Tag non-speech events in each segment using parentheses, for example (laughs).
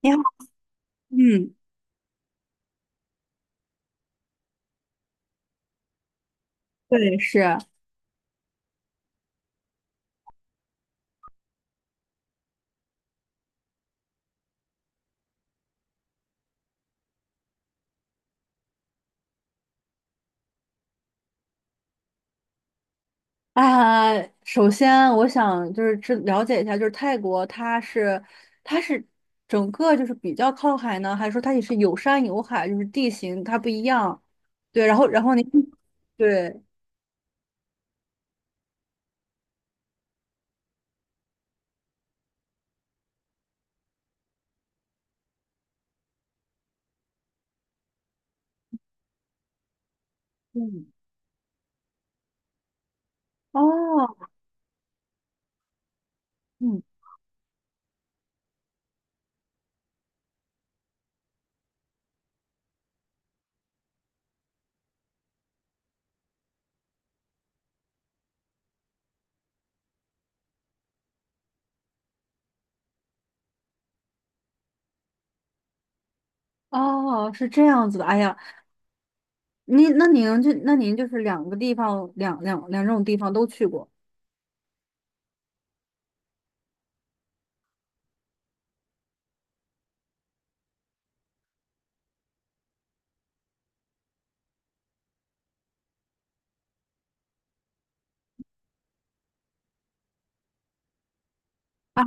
你好。嗯。对，是啊。首先，我想就是知了解一下，就是泰国它是整个就是比较靠海呢，还是说它也是有山有海，就是地形它不一样？对。然后然后您。对。嗯。哦。嗯。哦，是这样子的。哎呀，您那您就那您就是两个地方，两种地方都去过。哎，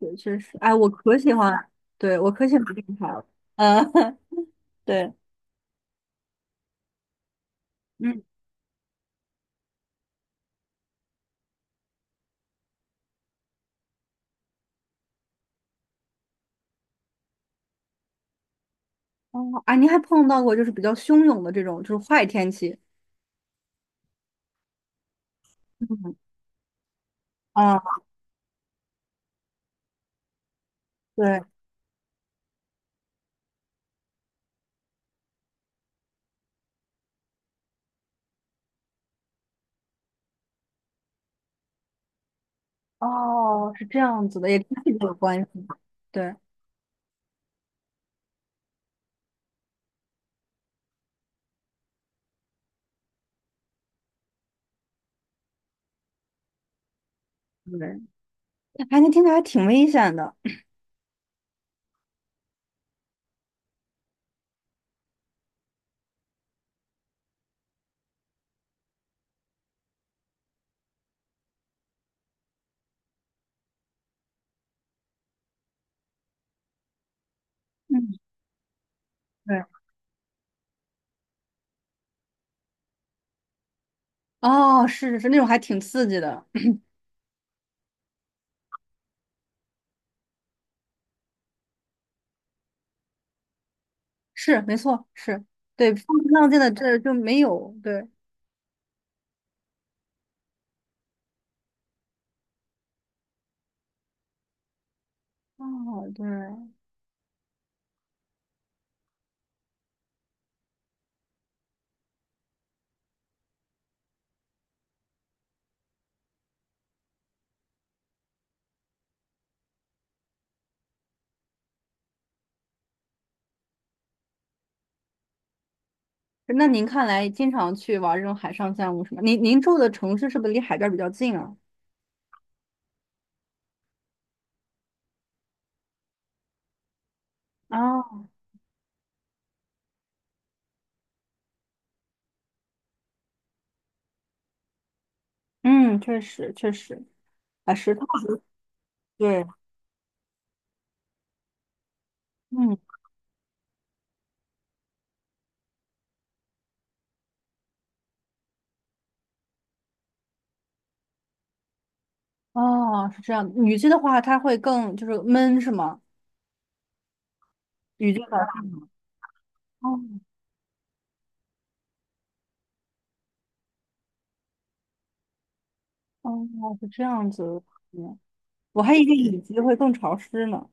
确实确实。哎，我可喜欢。对，我可喜欢这个海了。嗯。(laughs) 对。哦，啊，您还碰到过就是比较汹涌的这种就是坏天气？嗯。啊。对。哦，是这样子的，也跟这个有关系。对。对。哎，能听起来还挺危险的。嗯。对。哦，是是是，那种还挺刺激的。(clears throat) 是，没错，是。对，风平浪静的这就没有。对。哦。对。那您看来经常去玩这种海上项目是吗？您您住的城市是不是离海边儿比较近啊？哦。嗯。确实确实。啊，石头。对。嗯。哦，是这样的。雨季的话，它会更就是闷，是吗？雨季的话，哦哦，是这样子。嗯，我还以为雨季会更潮湿呢。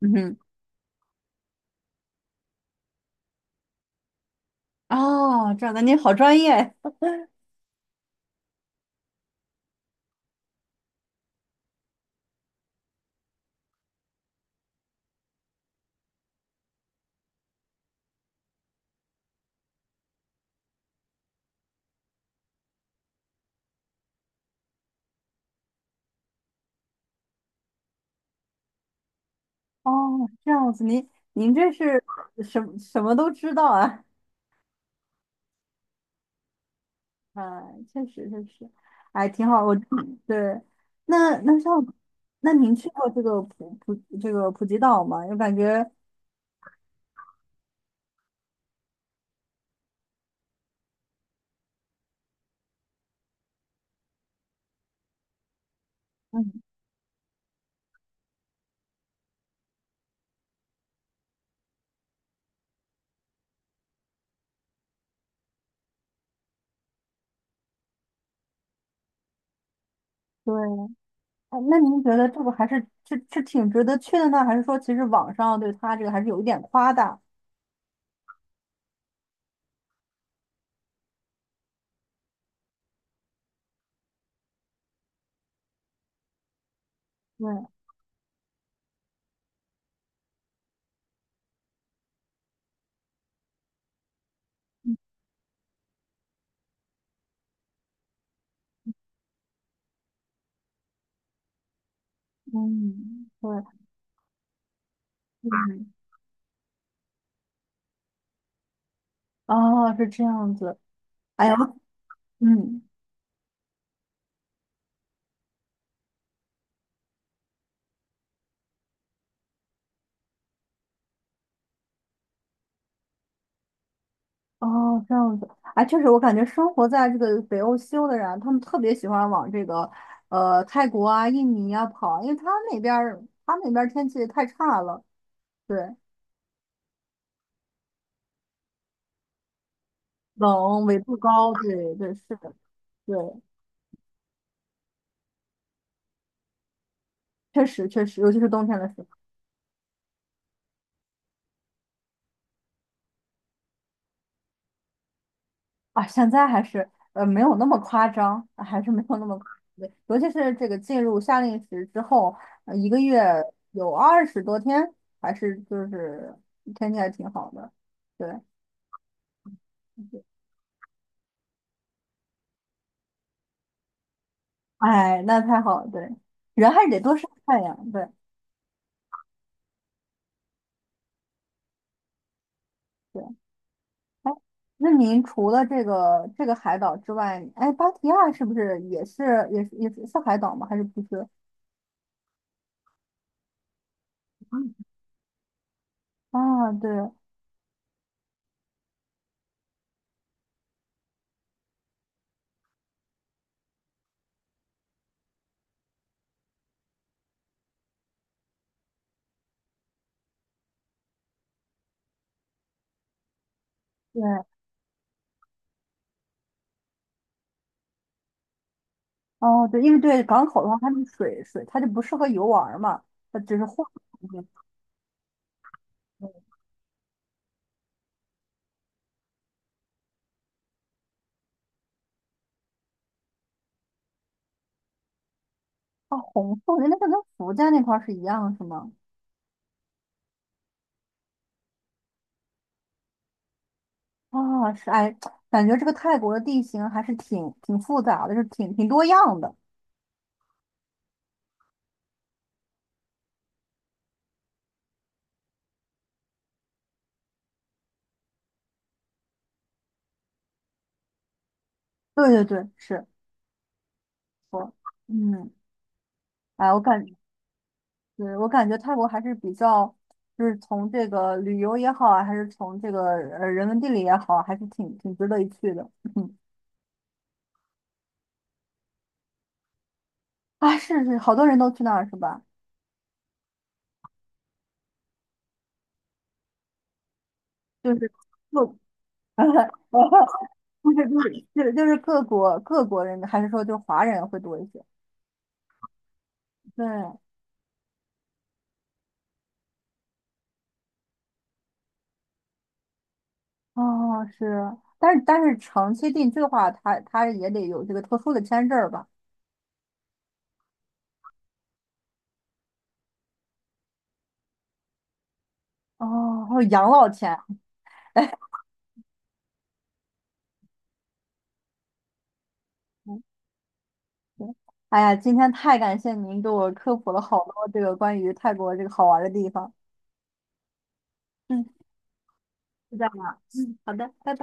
嗯哼。哦，这样的，您好专业。哦，是这样子。您这是什么什么都知道啊？啊，确实确实。哎，挺好。我对。那那像那您去过这个这个普吉岛吗？我感觉，嗯，对。哎，那您觉得这个还是是挺值得去的呢，还是说其实网上对他这个还是有一点夸大？对。嗯。对。嗯。哦，是这样子。哎呀。嗯。哦，这样子。哎，确实，我感觉生活在这个北欧西欧的人啊，他们特别喜欢往这个泰国啊、印尼啊跑，因为他们那边儿天气太差了。对。冷，纬度高，对对是的。对，确实确实，尤其是冬天的时候。啊，现在还是没有那么夸张，还是没有那么夸张的。对，尤其是这个进入夏令时之后，一个月有二十多天，还是就是天气还挺好的。对。哎，那太好了。对，人还是得多晒太阳。对。对。哎，那您除了这个海岛之外，哎，芭提雅是不是也是是海岛吗？还是不是？啊，对对。哦，对，因为对港口的话，它那个水它就不适合游玩儿嘛，它只是画。啊，红色人家个跟福建那块儿是一样是吗？啊，是。哎，感觉这个泰国的地形还是挺复杂的，就是挺多样的。对对对，是我。嗯。哎，我感。对，我感觉泰国还是比较，就是从这个旅游也好啊，还是从这个人文地理也好，还是挺值得一去的。(laughs) 嗯。啊，是是，好多人都去那儿是吧？就是就 (laughs) 不是不是，就是各国人民还是说就是华人会多一些？对。哦是。但是但是长期定居的话，他也得有这个特殊的签证儿吧？哦，还有养老钱。嗯。对。哎呀，今天太感谢您给我科普了好多这个关于泰国这个好玩儿的地方。嗯。就这样吧，嗯，好的，拜拜。